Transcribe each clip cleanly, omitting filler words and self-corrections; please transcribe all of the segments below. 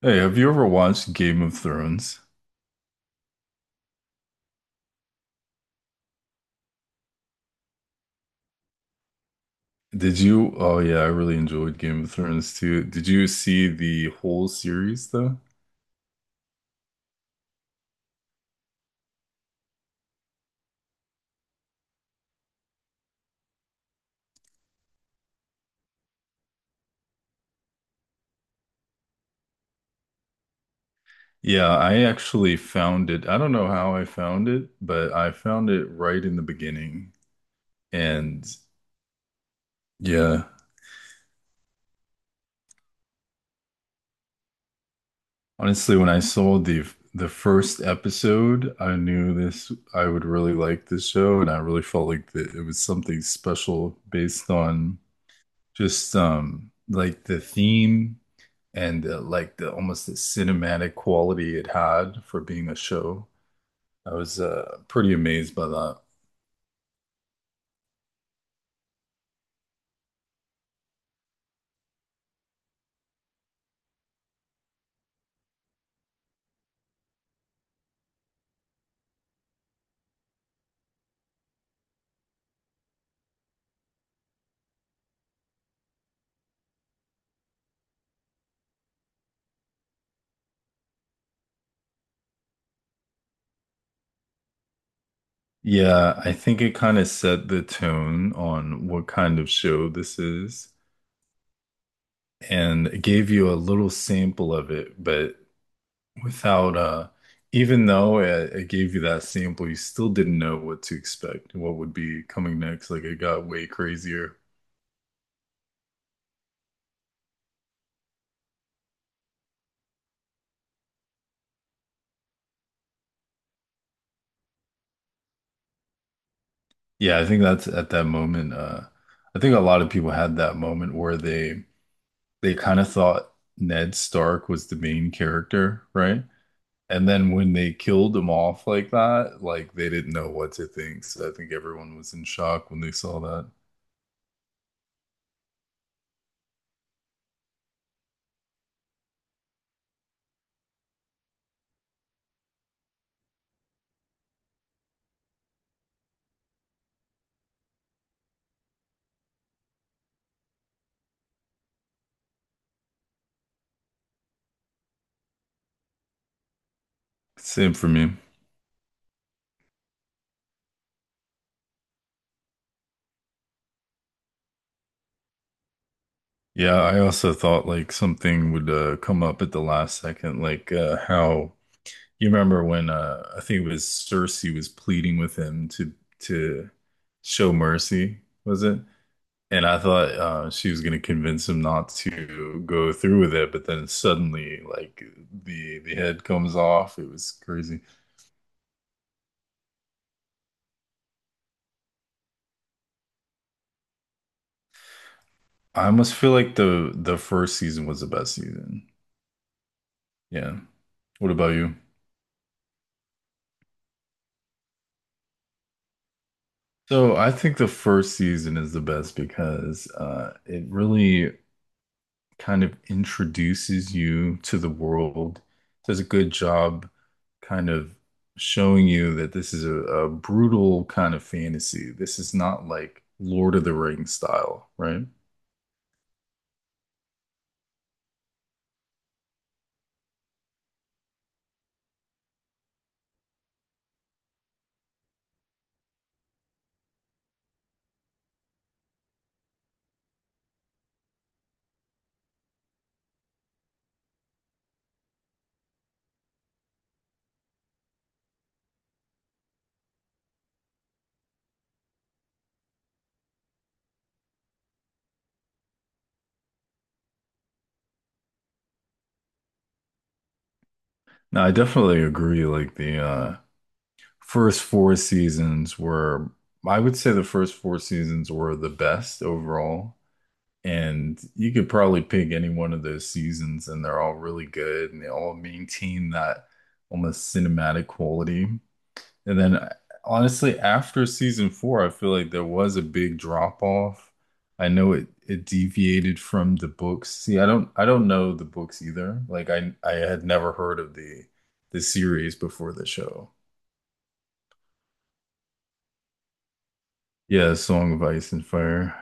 Hey, have you ever watched Game of Thrones? Did you? Oh yeah, I really enjoyed Game of Thrones too. Did you see the whole series though? Yeah, I actually found it. I don't know how I found it, but I found it right in the beginning. And yeah, honestly, when I saw the first episode, I would really like this show, and I really felt like that it was something special based on just like the theme and like the almost the cinematic quality it had for being a show. I was pretty amazed by that. Yeah, I think it kind of set the tone on what kind of show this is, and it gave you a little sample of it, but without even though it gave you that sample, you still didn't know what to expect, what would be coming next. Like it got way crazier. Yeah, I think that's at that moment. I think a lot of people had that moment where they kind of thought Ned Stark was the main character, right? And then when they killed him off like that, like they didn't know what to think. So I think everyone was in shock when they saw that. Same for me. Yeah, I also thought like something would come up at the last second, like how you remember when I think it was Cersei was pleading with him to show mercy, was it? And I thought she was going to convince him not to go through with it, but then suddenly, like the head comes off. It was crazy. I almost feel like the first season was the best season. Yeah. What about you? So I think the first season is the best because it really kind of introduces you to the world, does a good job kind of showing you that this is a brutal kind of fantasy. This is not like Lord of the Rings style, right? Now, I definitely agree. Like the first four seasons were, I would say the first four seasons were the best overall. And you could probably pick any one of those seasons, and they're all really good, and they all maintain that almost cinematic quality. And then honestly, after season four, I feel like there was a big drop off. I know it deviated from the books. See, I don't know the books either. Like I had never heard of the series before the show. Yeah, Song of Ice and Fire.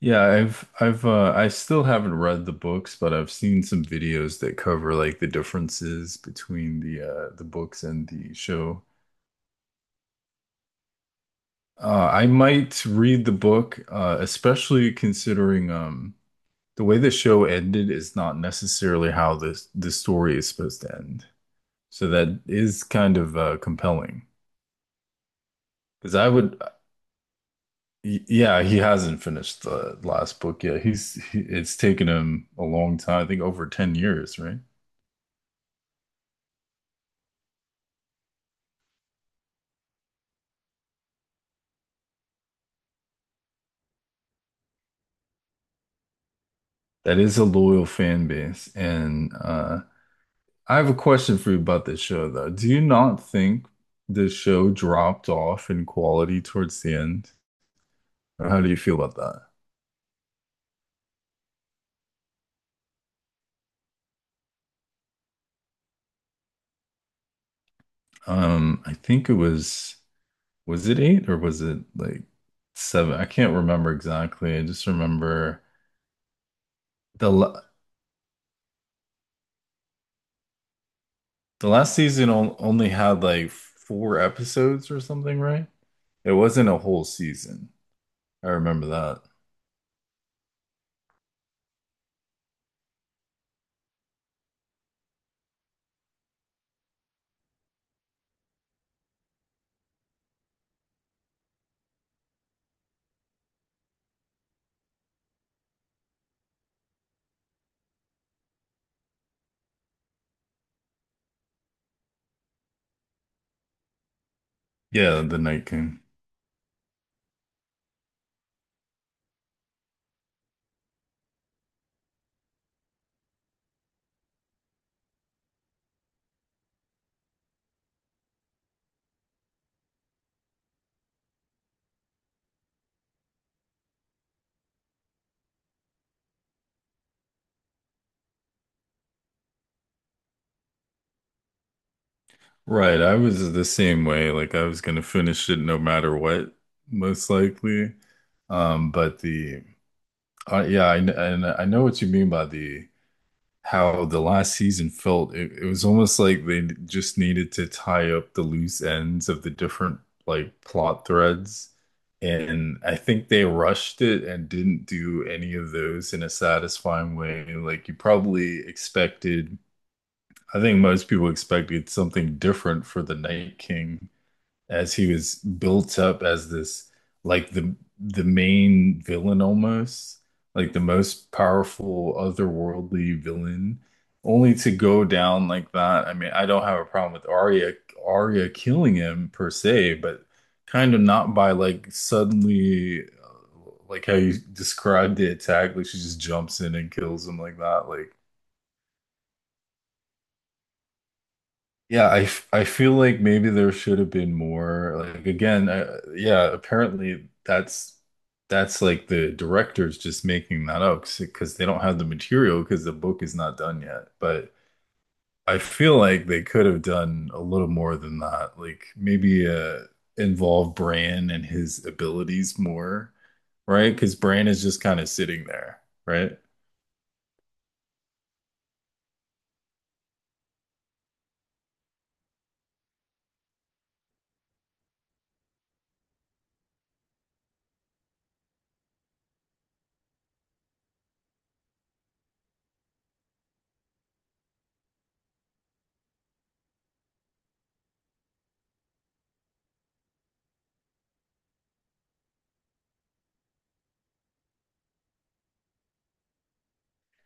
Yeah, I've I still haven't read the books, but I've seen some videos that cover like the differences between the books and the show. Uh, I might read the book, uh, especially considering the way the show ended is not necessarily how this the story is supposed to end. So that is kind of compelling because I would, yeah, he hasn't finished the last book yet. It's taken him a long time. I think over 10 years, right? That is a loyal fan base, and I have a question for you about this show though. Do you not think the show dropped off in quality towards the end? Or how do you feel about that? I think it was. Was it eight or was it like seven? I can't remember exactly. I just remember the la- the last season only had like four episodes or something, right? It wasn't a whole season. I remember that. Yeah, the Night King. Right, I was the same way. Like I was gonna finish it no matter what, most likely. But the yeah, I I know what you mean by the how the last season felt. It was almost like they just needed to tie up the loose ends of the different like plot threads. And I think they rushed it and didn't do any of those in a satisfying way. Like you probably expected, I think most people expected something different for the Night King as he was built up as this like the main villain, almost like the most powerful otherworldly villain, only to go down like that. I mean, I don't have a problem with Arya killing him per se, but kind of not by like suddenly, like how you described the attack, like she just jumps in and kills him like that. Like yeah, I feel like maybe there should have been more. Like again, yeah, apparently that's like the director's just making that up because they don't have the material because the book is not done yet. But I feel like they could have done a little more than that. Like maybe involve Bran and his abilities more, right? Because Bran is just kind of sitting there, right?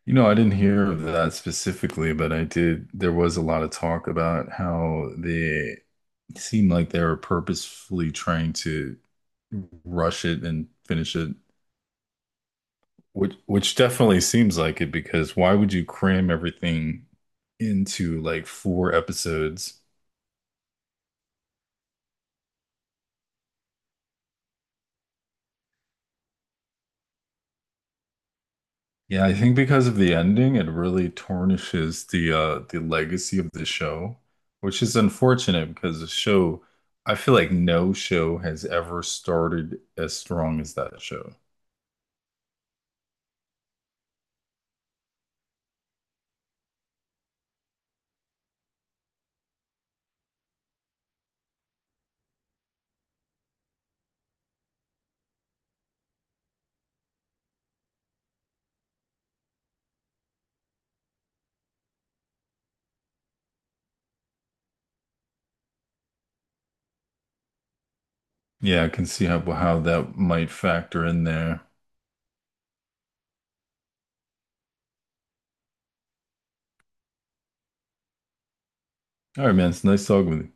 You know, I didn't hear of that specifically, but I did. There was a lot of talk about how the seemed like they were purposefully trying to rush it and finish it, which definitely seems like it, because why would you cram everything into like four episodes? Yeah, I think because of the ending, it really tarnishes the legacy of the show, which is unfortunate because the show, I feel like no show has ever started as strong as that show. Yeah, I can see how that might factor in there. All right, man, it's nice talking with you.